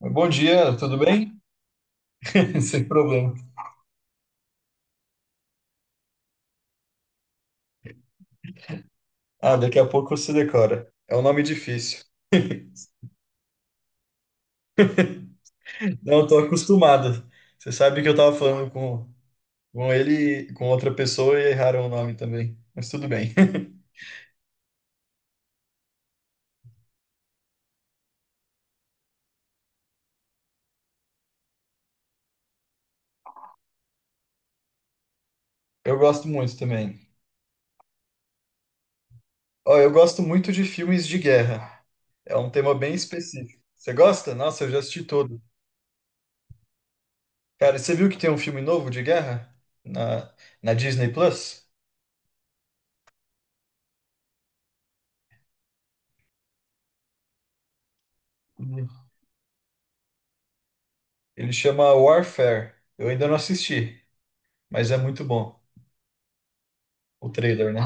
Bom dia, tudo bem? Sem problema. Ah, daqui a pouco você decora. É um nome difícil. Não, estou acostumado. Você sabe que eu estava falando com ele, e com outra pessoa e erraram o nome também. Mas tudo bem. Eu gosto muito também. Ó, eu gosto muito de filmes de guerra. É um tema bem específico. Você gosta? Nossa, eu já assisti todo. Cara, você viu que tem um filme novo de guerra na, na Disney Plus? Uhum. Ele chama Warfare. Eu ainda não assisti, mas é muito bom o trailer, né?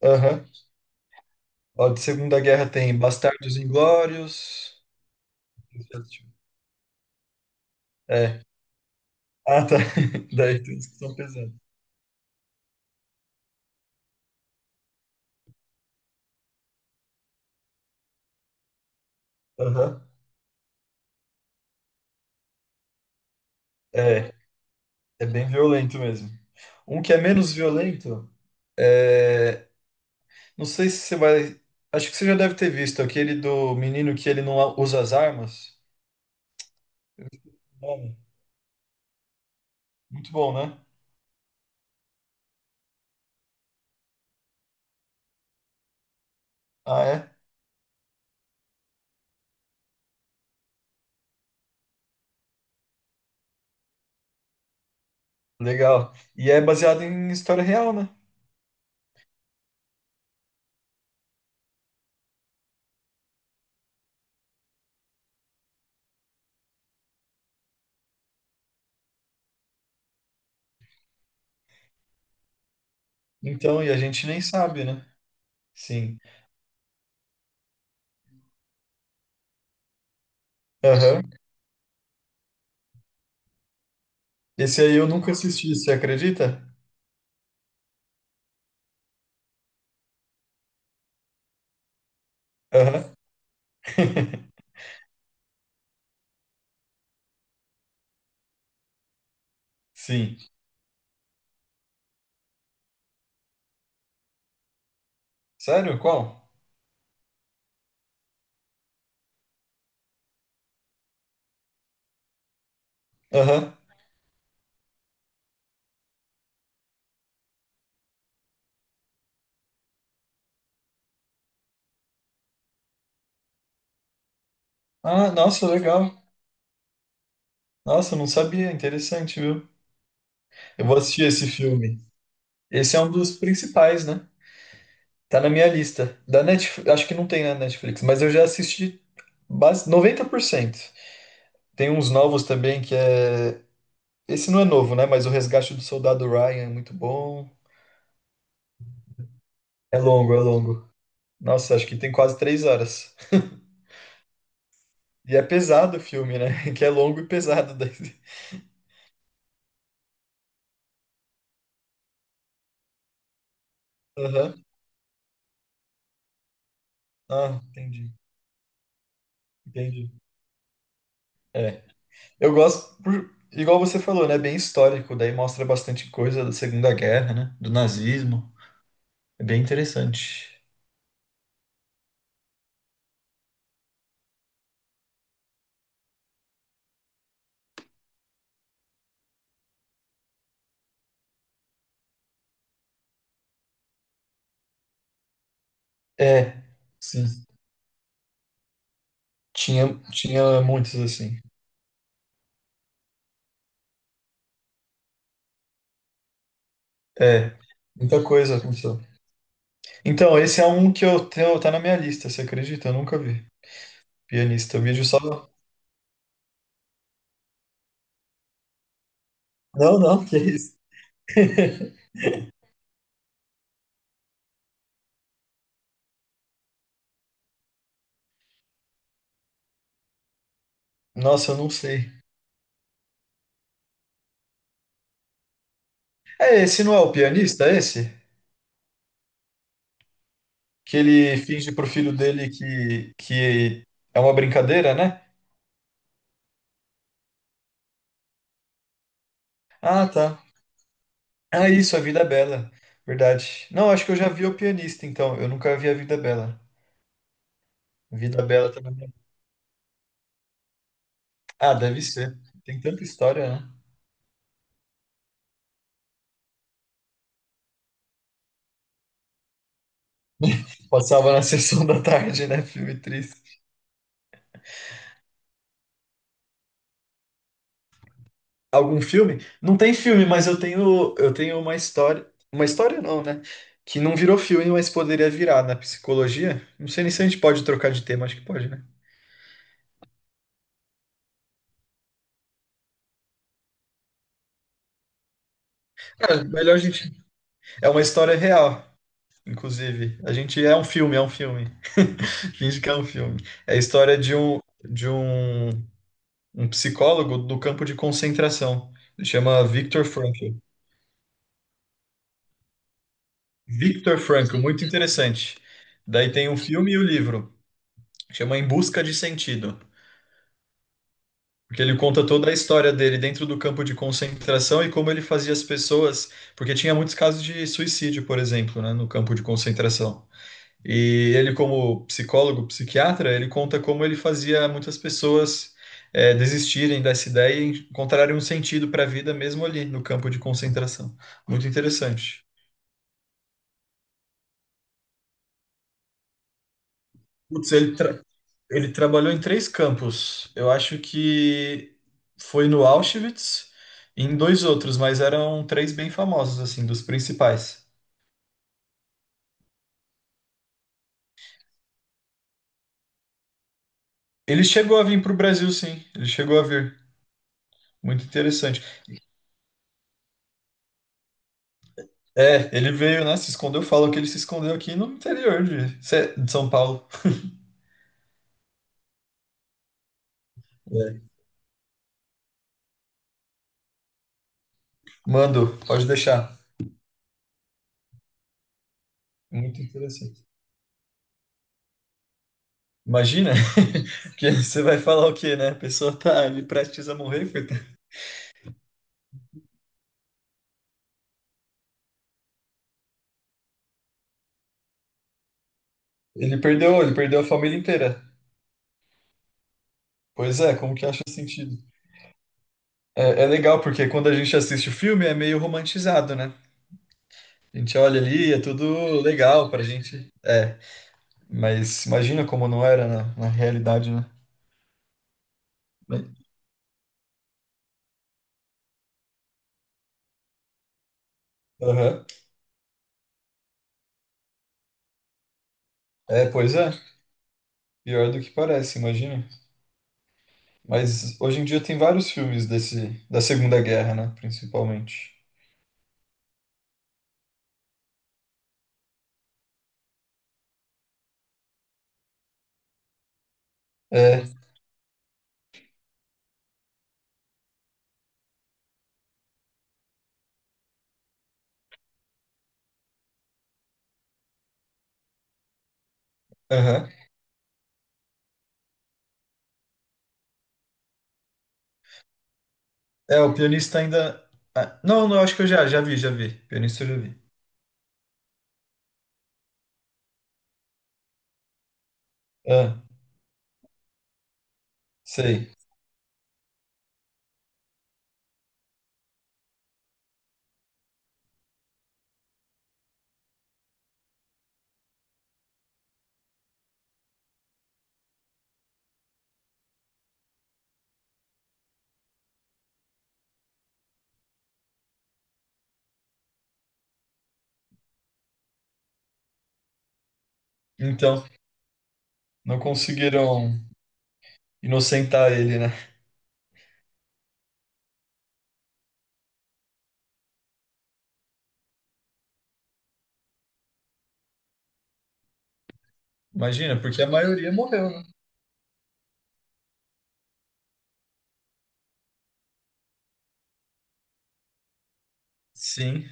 Aham. Ó, de Segunda Guerra tem Bastardos Inglórios. É. Ah, tá. Daí tem uns que são pesados. Aham. É, é bem violento mesmo. Um que é menos violento é. Não sei se você vai. Acho que você já deve ter visto aquele do menino que ele não usa as armas. Nome. Muito bom, né? Ah, é? Legal. E é baseado em história real, né? Então, e a gente nem sabe, né? Sim. Aham. Esse aí eu nunca assisti, você acredita? Aham. Sim. Sério? Qual? Aham. Ah, nossa, legal. Nossa, eu não sabia. Interessante, viu? Eu vou assistir esse filme. Esse é um dos principais, né? Tá na minha lista. Da Netflix, acho que não tem na Netflix, mas eu já assisti base 90%. Tem uns novos também que é. Esse não é novo, né? Mas O Resgate do Soldado Ryan é muito bom. É longo, é longo. Nossa, acho que tem quase 3 horas. E é pesado o filme, né? Que é longo e pesado. daí. Aham. Ah, entendi. Entendi. É. Eu gosto, igual você falou, né? É bem histórico, daí mostra bastante coisa da Segunda Guerra, né? Do nazismo. É bem interessante. É, sim. Tinha muitos, assim. É, muita coisa aconteceu. Então, esse é um que eu tenho, tá na minha lista, você acredita? Eu nunca vi. Pianista, o vídeo só. Não, não, que isso. Nossa, eu não sei. É, esse não é o pianista, é esse? Que ele finge pro filho dele que é uma brincadeira, né? Ah, tá. Ah, isso, A Vida é Bela. Verdade. Não, acho que eu já vi O Pianista, então. Eu nunca vi A Vida é Bela. Vida é Bela também. Ah, deve ser. Tem tanta história, né? Passava na sessão da tarde, né? Filme triste. Algum filme? Não tem filme, mas eu tenho uma história. Uma história não, né? Que não virou filme, mas poderia virar na psicologia. Não sei nem se a gente pode trocar de tema, acho que pode, né? Cara, melhor a gente. É uma história real, inclusive. A gente é um filme, é um filme. Finge que é um filme. É a história de um um psicólogo do campo de concentração. Ele chama Viktor Frankl. Viktor Frankl, muito interessante. Daí tem um filme e o livro, chama Em Busca de Sentido, porque ele conta toda a história dele dentro do campo de concentração e como ele fazia as pessoas, porque tinha muitos casos de suicídio, por exemplo, né, no campo de concentração. E ele, como psicólogo, psiquiatra, ele conta como ele fazia muitas pessoas desistirem dessa ideia e encontrarem um sentido para a vida mesmo ali no campo de concentração. Muito interessante. Putz, ele trabalhou em três campos. Eu acho que foi no Auschwitz e em dois outros, mas eram três bem famosos, assim, dos principais. Ele chegou a vir para o Brasil, sim. Ele chegou a vir. Muito interessante. É, ele veio, né? Se escondeu. Falam que ele se escondeu aqui no interior de São Paulo. É. Mando, pode deixar. Muito interessante. Imagina que você vai falar o quê, né? A pessoa tá ali prestes a morrer, coitado. Ele perdeu a família inteira. Pois é, como que acha sentido? É, é legal, porque quando a gente assiste o filme é meio romantizado, né? A gente olha ali, é tudo legal pra gente. É, mas imagina como não era na realidade, né? Aham. É, pois é. Pior do que parece, imagina. Mas hoje em dia tem vários filmes desse, da Segunda Guerra, né? Principalmente. É, aham. É, o pianista ainda. Ah, não, não, acho que eu já vi. Pianista eu já vi. Ah, sei. Então, não conseguiram inocentar ele, né? Imagina, porque a maioria morreu, né? Sim.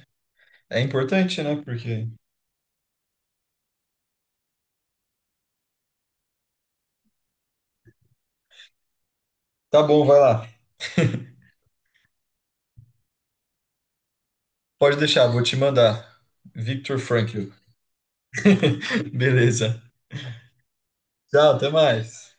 É importante, né? Porque. Tá bom, vai lá. Pode deixar, vou te mandar. Viktor Frankl. Beleza. Tchau, até mais.